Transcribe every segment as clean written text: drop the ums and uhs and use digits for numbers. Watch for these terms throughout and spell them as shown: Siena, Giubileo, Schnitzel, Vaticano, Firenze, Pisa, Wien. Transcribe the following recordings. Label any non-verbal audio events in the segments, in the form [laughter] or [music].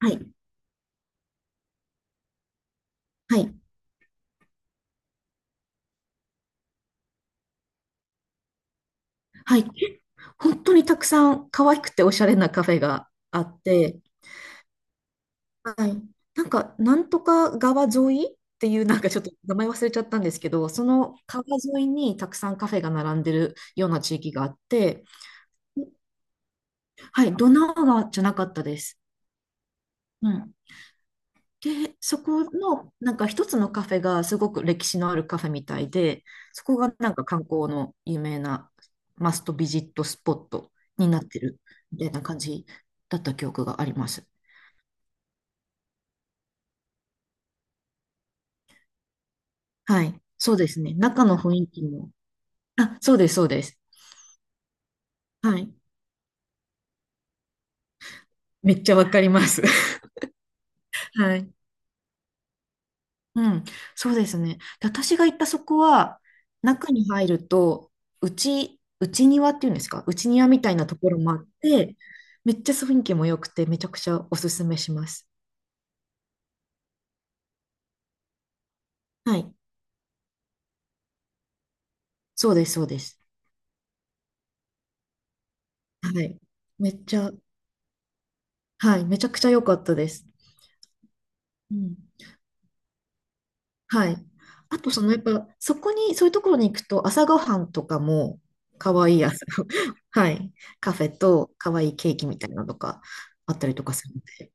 はい、はい、はい。本当にたくさん可愛くておしゃれなカフェがあって、はい。なんか、なんとか川沿いっていう、なんかちょっと名前忘れちゃったんですけど、その川沿いにたくさんカフェが並んでるような地域があって、はい、ドナウ川じゃなかったです。うん。で、そこの、なんか一つのカフェがすごく歴史のあるカフェみたいで、そこがなんか観光の有名なマストビジットスポットになってるみたいな感じだった記憶があります。はい。そうですね。中の雰囲気も。あ、そうです、そうです。はい。めっちゃわかります。[laughs] はい。うん、そうですね。で私が行ったそこは、中に入ると、内庭っていうんですか、内庭みたいなところもあって、めっちゃ雰囲気も良くて、めちゃくちゃおすすめします。はい、そうです、そうです。はい、めっちゃ、はい、めちゃくちゃ良かったです。うん、はい。あと、その、やっぱ、そこに、そういうところに行くと、朝ごはんとかも、可愛い朝、[laughs] はい、カフェと、可愛いケーキみたいなのとか、あったりとかするので。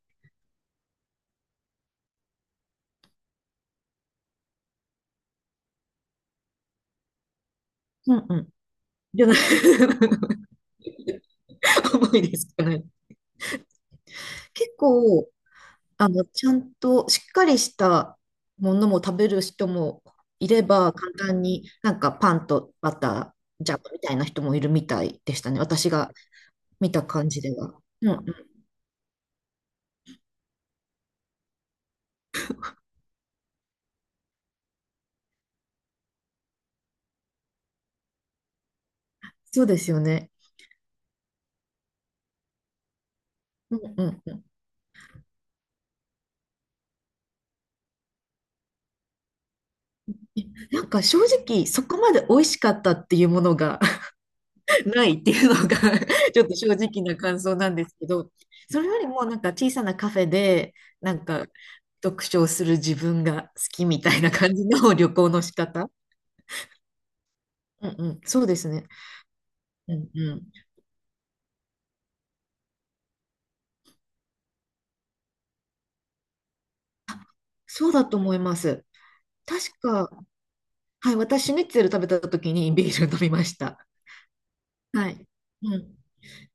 うんじゃない [laughs] でいですかね。結構、ちゃんとしっかりしたものも食べる人もいれば、簡単になんかパンとバター、ジャムみたいな人もいるみたいでしたね。私が見た感じでは。うんうん、そうですよね。うんうんうん。なんか正直、そこまで美味しかったっていうものがないっていうのが [laughs] ちょっと正直な感想なんですけど、それよりもなんか小さなカフェでなんか読書をする自分が好きみたいな感じの [laughs] 旅行の仕方。うんうん、そうですね。うんうん。そうだと思います。確か、はい、私、シュニッツェル食べた時にビール飲みました。はい。うん。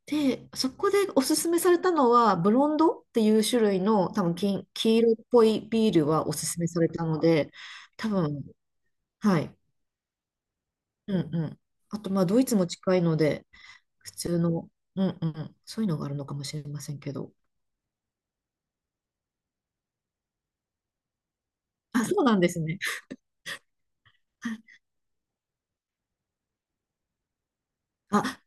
で、そこでおすすめされたのは、ブロンドっていう種類の、多分黄色っぽいビールはおすすめされたので、多分、はい。うんうん。あと、まあ、ドイツも近いので、普通の、うんうん、そういうのがあるのかもしれませんけど。あ、そうなんですね。[laughs] あ、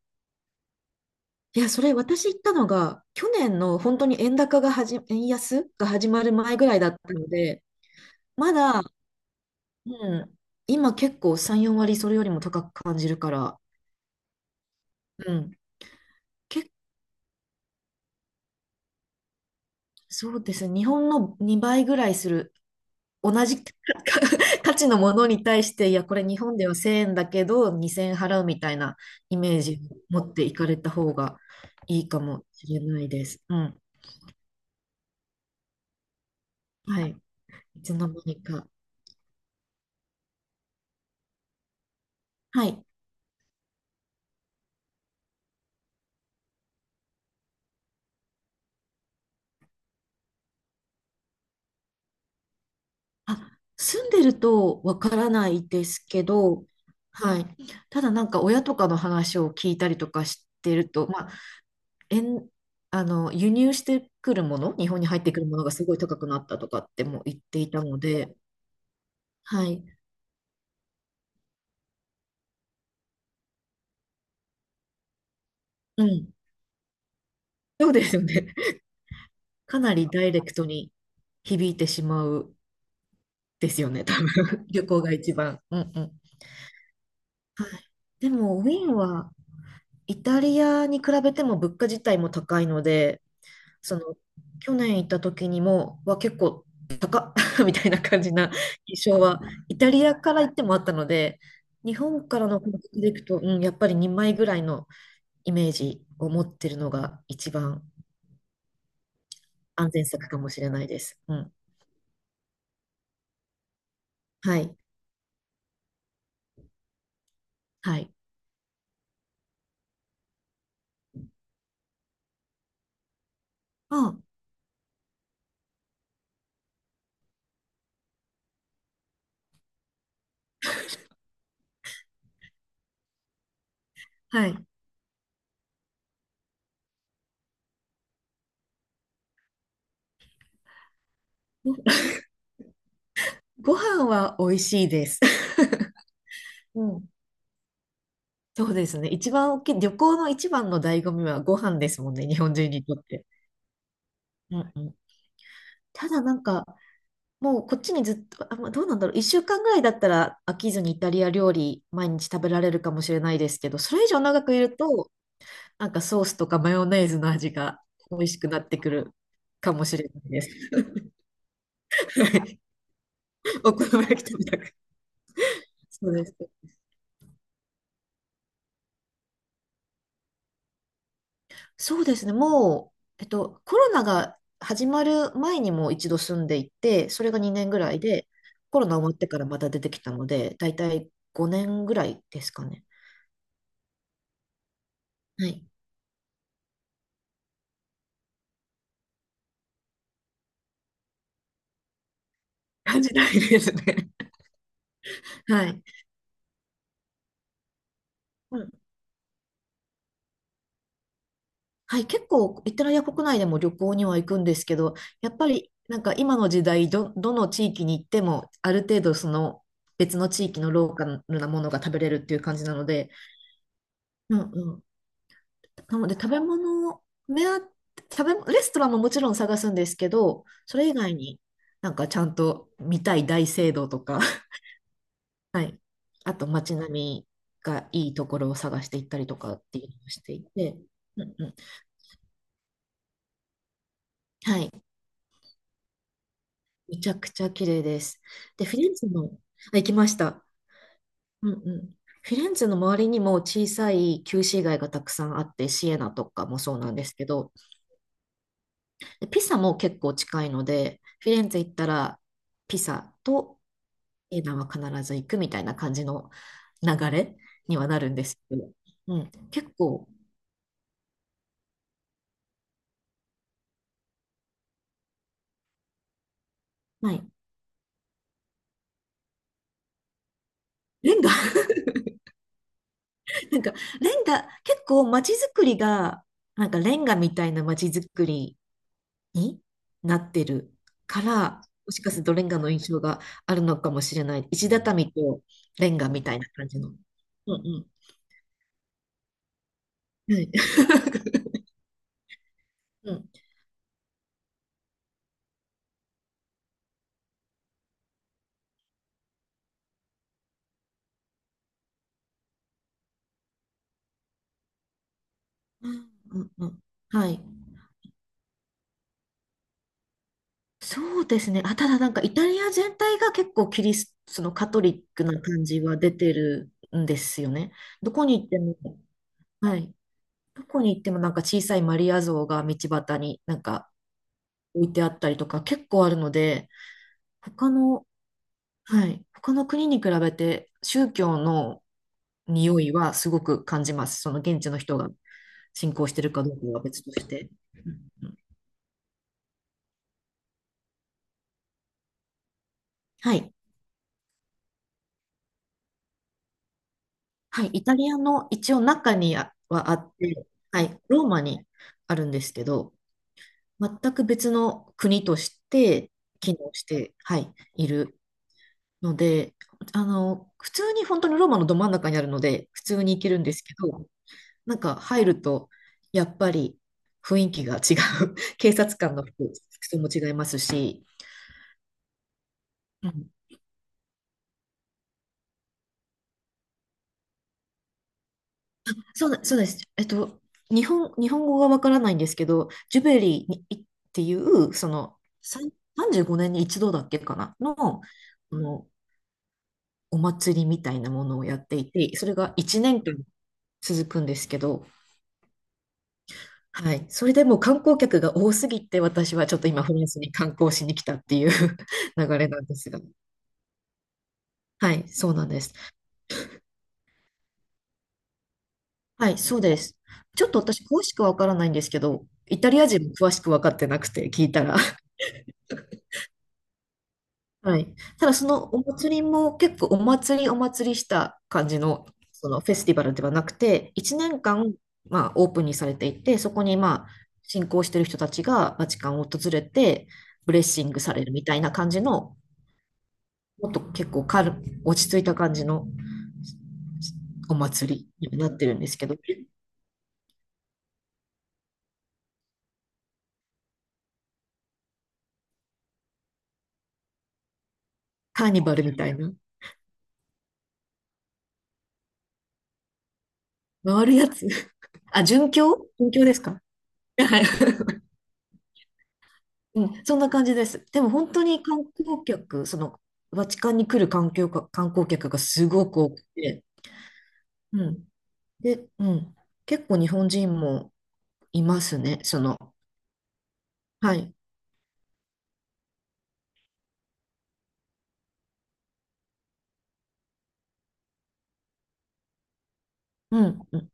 いや、それ私行ったのが、去年の本当に円高がはじ、円安が始まる前ぐらいだったので、まだ、うん、今結構3、4割それよりも高く感じるから、うん、け、そうですね、日本の2倍ぐらいする同じ [laughs] 価値のものに対して、いや、これ日本では1000円だけど2000円払うみたいなイメージを持っていかれた方がいいかもしれないです。うん。はい。いつの間にか。はい。あ、住んでるとわからないですけど、はい。ただなんか親とかの話を聞いたりとかしてると、まあ、円あの、輸入してくるもの、日本に入ってくるものがすごい高くなったとかっても言っていたので、はい。うん。そうですよね。[laughs] かなりダイレクトに響いてしまうですよね、多分。[laughs] 旅行が一番。うんうん。はい。でも、ウィーンはイタリアに比べても物価自体も高いので、その、去年行った時は結構高っ [laughs] みたいな感じな印象は、イタリアから行ってもあったので、日本からの感覚でいくと、うん、やっぱり2枚ぐらいのイメージを持ってるのが一番安全策かもしれないです。うん。はい。はい。まあ、はい。ご飯は美味しいです。[laughs] うん。そうですね。一番大きい、旅行の一番の醍醐味はご飯ですもんね、日本人にとって。うんうん、ただなんか、もうこっちにずっと、あ、まあどうなんだろう、1週間ぐらいだったら飽きずにイタリア料理毎日食べられるかもしれないですけど、それ以上長くいると、なんかソースとかマヨネーズの味が美味しくなってくるかもしれないです。[laughs] お好み焼き食べたく。そうです。そうですね。もう、コロナが始まる前にも一度住んでいて、それが2年ぐらいで、コロナ終わってからまた出てきたので、だいたい5年ぐらいですかね。はい。感じないですね。[laughs] はい。うん。はい。結構、イタリア国内でも旅行には行くんですけど、やっぱり、なんか今の時代、どの地域に行っても、ある程度その別の地域のローカルなものが食べれるっていう感じなので、うんうん、なので食べ物目当て、食べ、レストランももちろん探すんですけど、それ以外になんかちゃんと見たい大聖堂とか、[laughs] はい。あと街並みがいいところを探していったりとかっていうのをしていて、うんうん。はい。めちゃくちゃ綺麗です。で、フィレンツェの、あ、行きました。うんうん。フィレンツェの周りにも小さい旧市街がたくさんあって、シエナとかもそうなんですけど、ピサも結構近いので、フィレンツェ行ったらピサとエナは必ず行くみたいな感じの流れにはなるんですけど、うん、結構、はい、レンガ [laughs] なんかレンガ、結構街づくりが、なんかレンガみたいな街づくりになってるから、もしかするとレンガの印象があるのかもしれない。石畳とレンガみたいな感じの。うんうん。はい。[laughs] うん。うんうんうん。はい。そうですね。あ、ただなんかイタリア全体が結構キリスト、のカトリックな感じは出てるんですよね。どこに行っても、はい。どこに行ってもなんか小さいマリア像が道端になんか置いてあったりとか結構あるので、他の、はい。他の国に比べて宗教の匂いはすごく感じます。その現地の人が信仰してるかどうかは別として。うんうん、はい。はい、イタリアの一応中にあって、はい、ローマにあるんですけど、全く別の国として機能して、はい、いるので、あの、普通に本当にローマのど真ん中にあるので、普通に行けるんですけど、なんか入ると、やっぱり雰囲気が違う。[laughs] 警察官の服装も違いますし、うん、そうな、そうです。日本語がわからないんですけど、ジュベリーにいっていう、その、35年に一度だっけかな、の、あの、お祭りみたいなものをやっていて、それが1年間続くんですけど、はい。それでもう観光客が多すぎて、私はちょっと今フランスに観光しに来たっていう [laughs] 流れなんですが。はい、そうなんです。はい、そうです。ちょっと私詳しくわからないんですけど、イタリア人も詳しく分かってなくて聞いたら、はい。ただそのお祭りも結構お祭りお祭りした感じの、そのフェスティバルではなくて、1年間、まあ、オープンにされていて、そこにまあ信仰してる人たちがバチカンを訪れて、ブレッシングされるみたいな感じの、もっと結構落ち着いた感じのお祭りになってるんですけど、カーニバルみたいな、回るやつ。[laughs] あ、殉教ですか。はい。[laughs] うん、そんな感じです。でも本当に観光客、そのバチカンに来る観光客、観光客がすごく多くて、うん。で、うん。結構日本人もいますね、その。はい。うん、うん。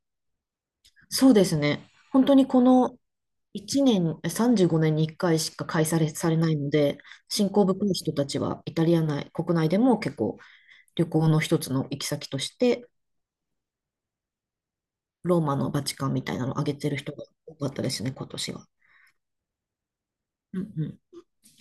そうですね。本当にこの1年、35年に1回しか開催され、されないので、新興部い人たちはイタリア内、国内でも結構旅行の一つの行き先として、ローマのバチカンみたいなのを挙げてる人が多かったですね、今年は。うんうん